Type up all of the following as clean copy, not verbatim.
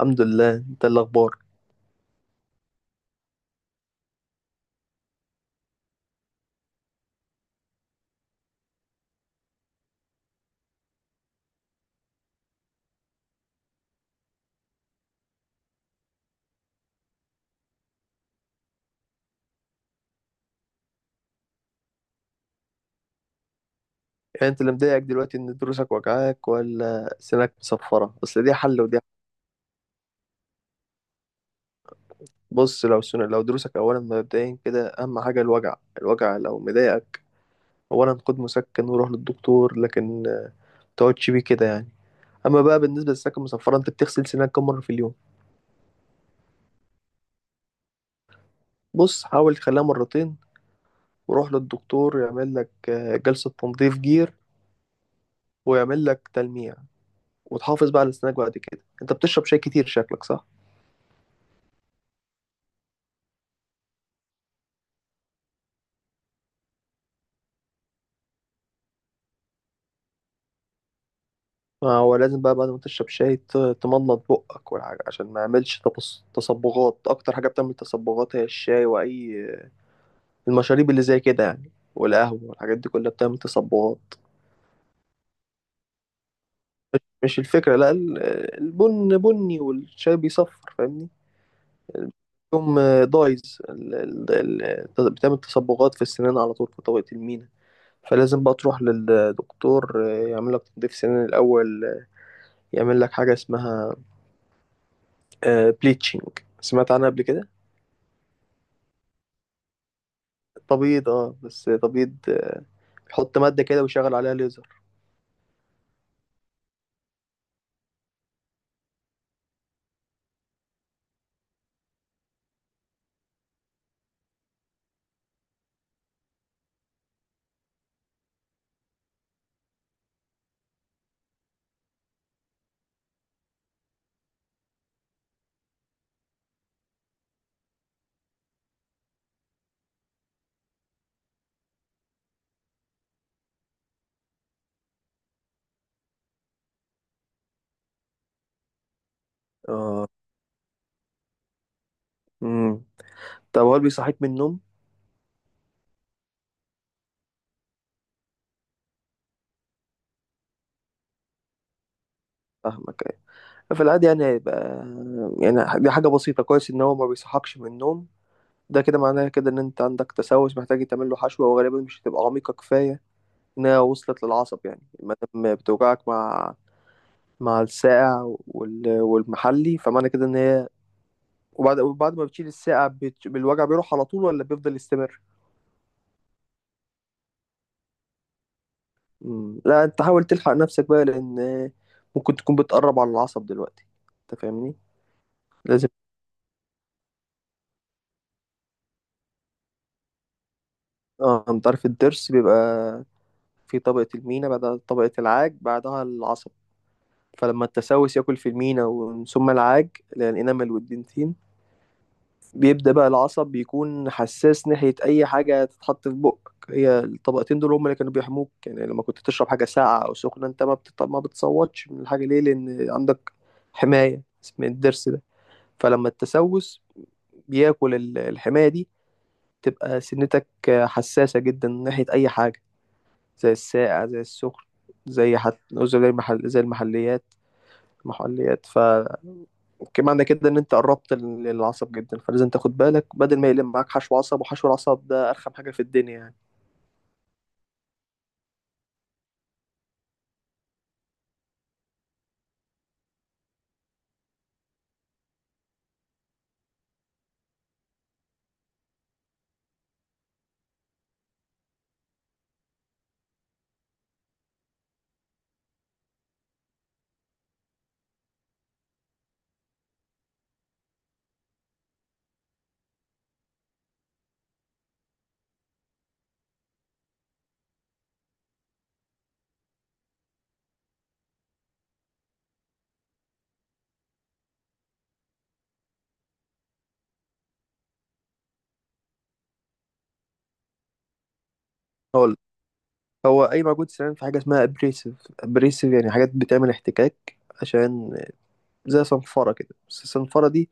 الحمد لله. انت اللي اخبار؟ يعني انت اللي مضايقك دلوقتي ان دروسك وجعاك ولا سنك مصفرة؟ بس دي حل ودي حل. بص، لو سن... لو دروسك، اولا مبدئيا كده اهم حاجة الوجع. الوجع لو مضايقك، اولا خد مسكن وروح للدكتور، لكن تقعدش بيه كده يعني. اما بقى بالنسبة للسكن المصفرة، انت بتغسل سنانك كم مرة في اليوم؟ بص، حاول تخليها مرتين، وروح للدكتور يعمل لك جلسة تنظيف جير، ويعمل لك تلميع، وتحافظ بقى على سنانك. بعد كده انت بتشرب شاي كتير شكلك، صح؟ ما هو لازم بقى بعد ما تشرب شاي تمضمض بقك والحاجة، عشان ما يعملش تصبغات. أكتر حاجة بتعمل تصبغات هي الشاي، وأي المشاريب اللي زي كده يعني، والقهوة والحاجات دي كلها بتعمل تصبغات. مش الفكرة، لا، البن بني والشاي بيصفر، فاهمني؟ يوم دايز بتعمل تصبغات في السنان على طول، في طبقة المينا. فلازم بقى تروح للدكتور يعمل لك تنظيف سنان الأول، يعمل لك حاجة اسمها بليتشنج. سمعت عنها قبل كده؟ تبيض، اه، بس تبيض، بيحط مادة كده ويشغل عليها ليزر. اه. امم طب هو اللي بيصحيك من النوم؟ فاهمك، أيوة. في العادي يعني هيبقى، يعني دي حاجة بسيطة. كويس ان هو ما بيصحكش من النوم. ده كده معناها كده ان انت عندك تسوس محتاج تعمل له حشوة، وغالبا مش هتبقى عميقة كفاية انها وصلت للعصب. يعني ما دام بتوجعك مع الساقع والمحلي، فمعنى كده ان هي، وبعد ما بتشيل الساقع الوجع بيروح على طول ولا بيفضل يستمر؟ مم. لا، انت حاول تلحق نفسك بقى، لان ممكن تكون بتقرب على العصب دلوقتي. انت فاهمني؟ لازم. اه، انت عارف الضرس بيبقى في طبقة المينا، بعدها طبقة العاج، بعدها العصب. فلما التسوس ياكل في المينا ومن ثم العاج اللي هي الانامل والدنتين، بيبدأ بقى العصب بيكون حساس ناحية أي حاجة تتحط في بقك. هي الطبقتين دول هم اللي كانوا بيحموك. يعني لما كنت تشرب حاجة ساقعة أو سخنة، أنت ما بتصوتش من الحاجة. ليه؟ لأن عندك حماية اسمها الضرس ده. فلما التسوس بياكل الحماية دي، تبقى سنتك حساسة جدا ناحية أي حاجة، زي الساقع، زي السخن، زي المحليات. محليات، ف، كمان عندك كده ان انت قربت للعصب جدا. فلازم تاخد بالك بدل ما يلم معاك حشو عصب، وحشو العصب ده ارخم حاجه في الدنيا يعني. هقول، هو اي موجود سنان في حاجه اسمها ابريسيف. ابريسيف يعني حاجات بتعمل احتكاك، عشان زي صنفره كده. بس الصنفره دي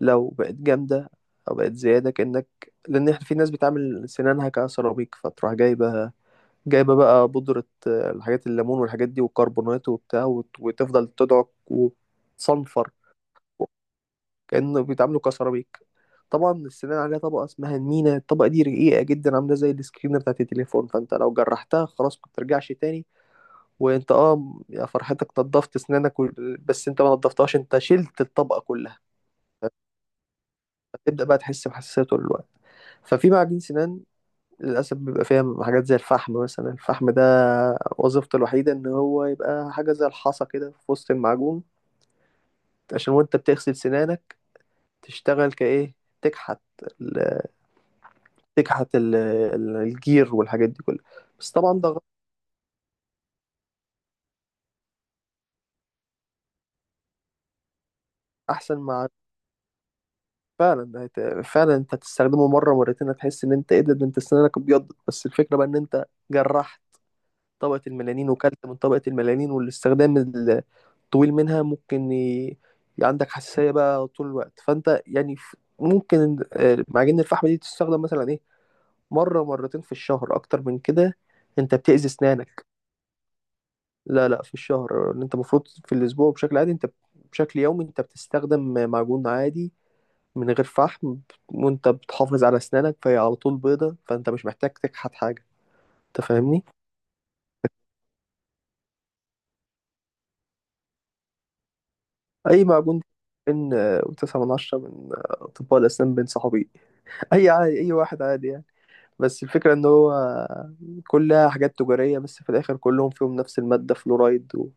لو بقت جامدة أو بقت زيادة، كأنك... لأن إحنا في ناس بتعمل سنانها كسيراميك، فتروح جايبة، جايبة بقى بودرة، الحاجات الليمون والحاجات دي والكربونات وبتاع، وتفضل تدعك وتصنفر كأنه بيتعاملوا كسيراميك. طبعا السنان عليها طبقة اسمها المينا. الطبقة دي رقيقة جدا، عاملة زي السكرين بتاعت التليفون، فأنت لو جرحتها خلاص ما ترجعش تاني. وأنت يا فرحتك نضفت سنانك بس أنت ما نضفتهاش، أنت شلت الطبقة كلها. تبدأ بقى تحس بحساسية طول الوقت. ففي معجون سنان للأسف بيبقى فيها حاجات زي الفحم مثلا. الفحم ده وظيفته الوحيدة إن هو يبقى حاجة زي الحصى كده في وسط المعجون، عشان وأنت بتغسل سنانك تشتغل كإيه؟ تكحت ال- الجير والحاجات دي كلها. بس طبعا ده غلط. أحسن مع... فعلا فعلا أنت هتستخدمه مرة مرتين، هتحس إن أنت إيه، ده أنت سنانك ابيضت. بس الفكرة بقى إن أنت جرحت طبقة الميلانين وكلت من طبقة الميلانين. والاستخدام طويل منها ممكن عندك حساسية بقى طول الوقت. فأنت يعني ممكن معجون الفحم دي تستخدم مثلا إيه، مرة مرتين في الشهر. أكتر من كده أنت بتأذي أسنانك. لا لا، في الشهر. إن أنت المفروض في الأسبوع بشكل عادي أنت، بشكل يومي أنت بتستخدم معجون عادي من غير فحم. وأنت بتحافظ على أسنانك فهي على طول بيضة، فأنت مش محتاج تكحت حاجة. أنت فاهمني؟ أي معجون. بين 9 من 10 من أطباء الأسنان بين صحابي أي عادي، أي واحد عادي يعني. بس الفكرة ان هو كلها حاجات تجارية، بس في الاخر كلهم فيهم نفس المادة، فلورايد و...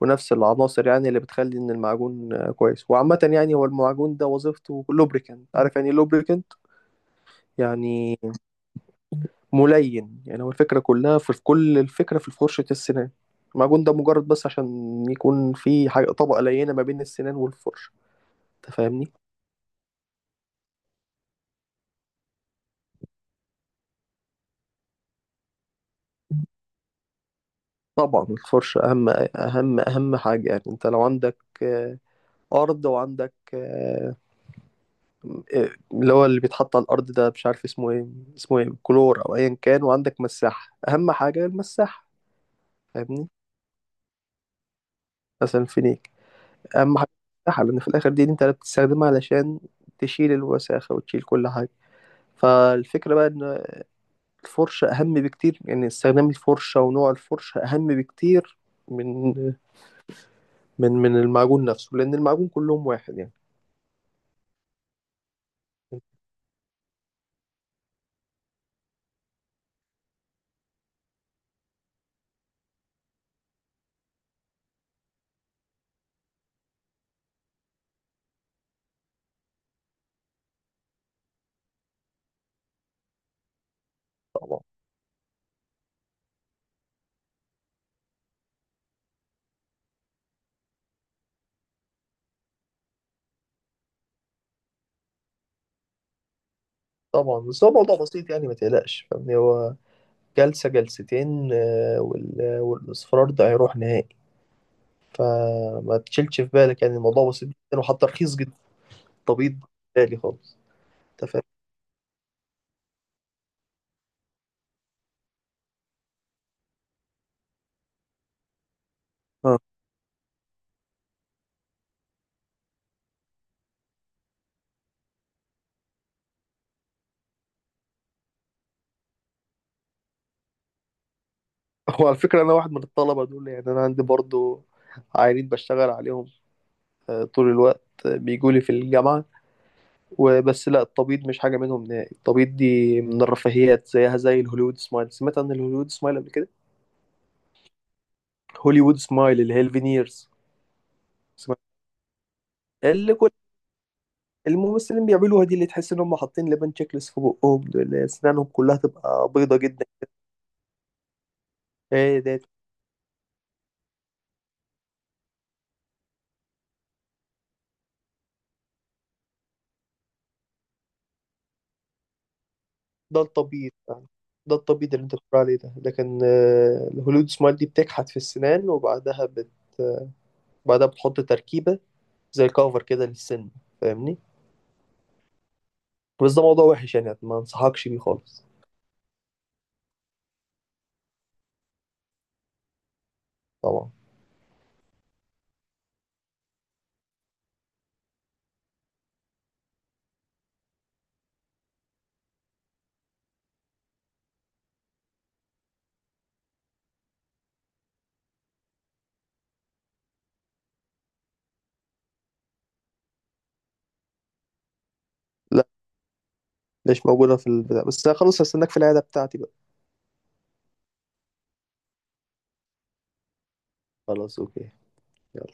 ونفس العناصر يعني اللي بتخلي ان المعجون كويس. وعامة يعني هو المعجون ده وظيفته لوبريكانت. عارف يعني لوبريكانت يعني؟ ملين يعني. هو الفكرة كلها في كل الفكرة في فرشة السنان. المعجون ده مجرد بس عشان يكون في حاجة طبقة لينة ما بين السنان والفرشة. انت فاهمني؟ طبعا الفرشة أهم. أهم أهم حاجة. يعني أنت لو عندك آه، أرض، وعندك آه، إيه، اللي هو اللي بيتحط على الأرض ده، مش عارف اسمه ايه. اسمه ايه، كلور أو أيا كان؟ وعندك مساحة. أهم حاجة المساحة، فاهمني؟ مثلا الفينيك. أهم حاجة المساحة، لأن في الآخر دي أنت اللي انت بتستخدمها علشان تشيل الوساخة وتشيل كل حاجة. فالفكرة بقى إن الفرشة أهم بكتير، يعني استخدام الفرشة ونوع الفرشة أهم بكتير من المعجون نفسه، لأن المعجون كلهم واحد يعني. طبعا، طبعا، بس هو موضوع بسيط، يعني ما تقلقش، فاهمني. هو جلسة جلستين، والاصفرار ده هيروح نهائي. فما تشيلش في بالك، يعني الموضوع بسيط جدا، وحتى رخيص جدا. طبيب بالي خالص. انت فاهم؟ هو على فكرة أنا واحد من الطلبة دول. يعني أنا عندي برضو عيانين بشتغل عليهم طول الوقت، بيجولي في الجامعة وبس. لا، التبيض مش حاجة منهم نهائي. التبيض دي من الرفاهيات، زيها زي الهوليوود سمايل. سمعت عن الهوليوود سمايل قبل كده؟ هوليوود سمايل اللي هي الفينيرز. سمعت؟ اللي كل الممثلين بيعملوها دي، اللي تحس إن هم حاطين لبن تشيكلس في بقهم، دول اللي أسنانهم كلها تبقى بيضة جدا. ايه ده التبييض يعني. ده التبييض اللي انت بتقول عليه ده. لكن الهولود سمايل دي بتكحت في السنان، وبعدها بعدها بتحط تركيبة زي كفر كده للسن، فاهمني. بس ده موضوع وحش، يعني ما انصحكش بيه خالص. طبعا. لا، مش موجودة في البتاع. بس خلاص هستناك في العيادة بتاعتي بقى. خلاص، اوكي. يلا.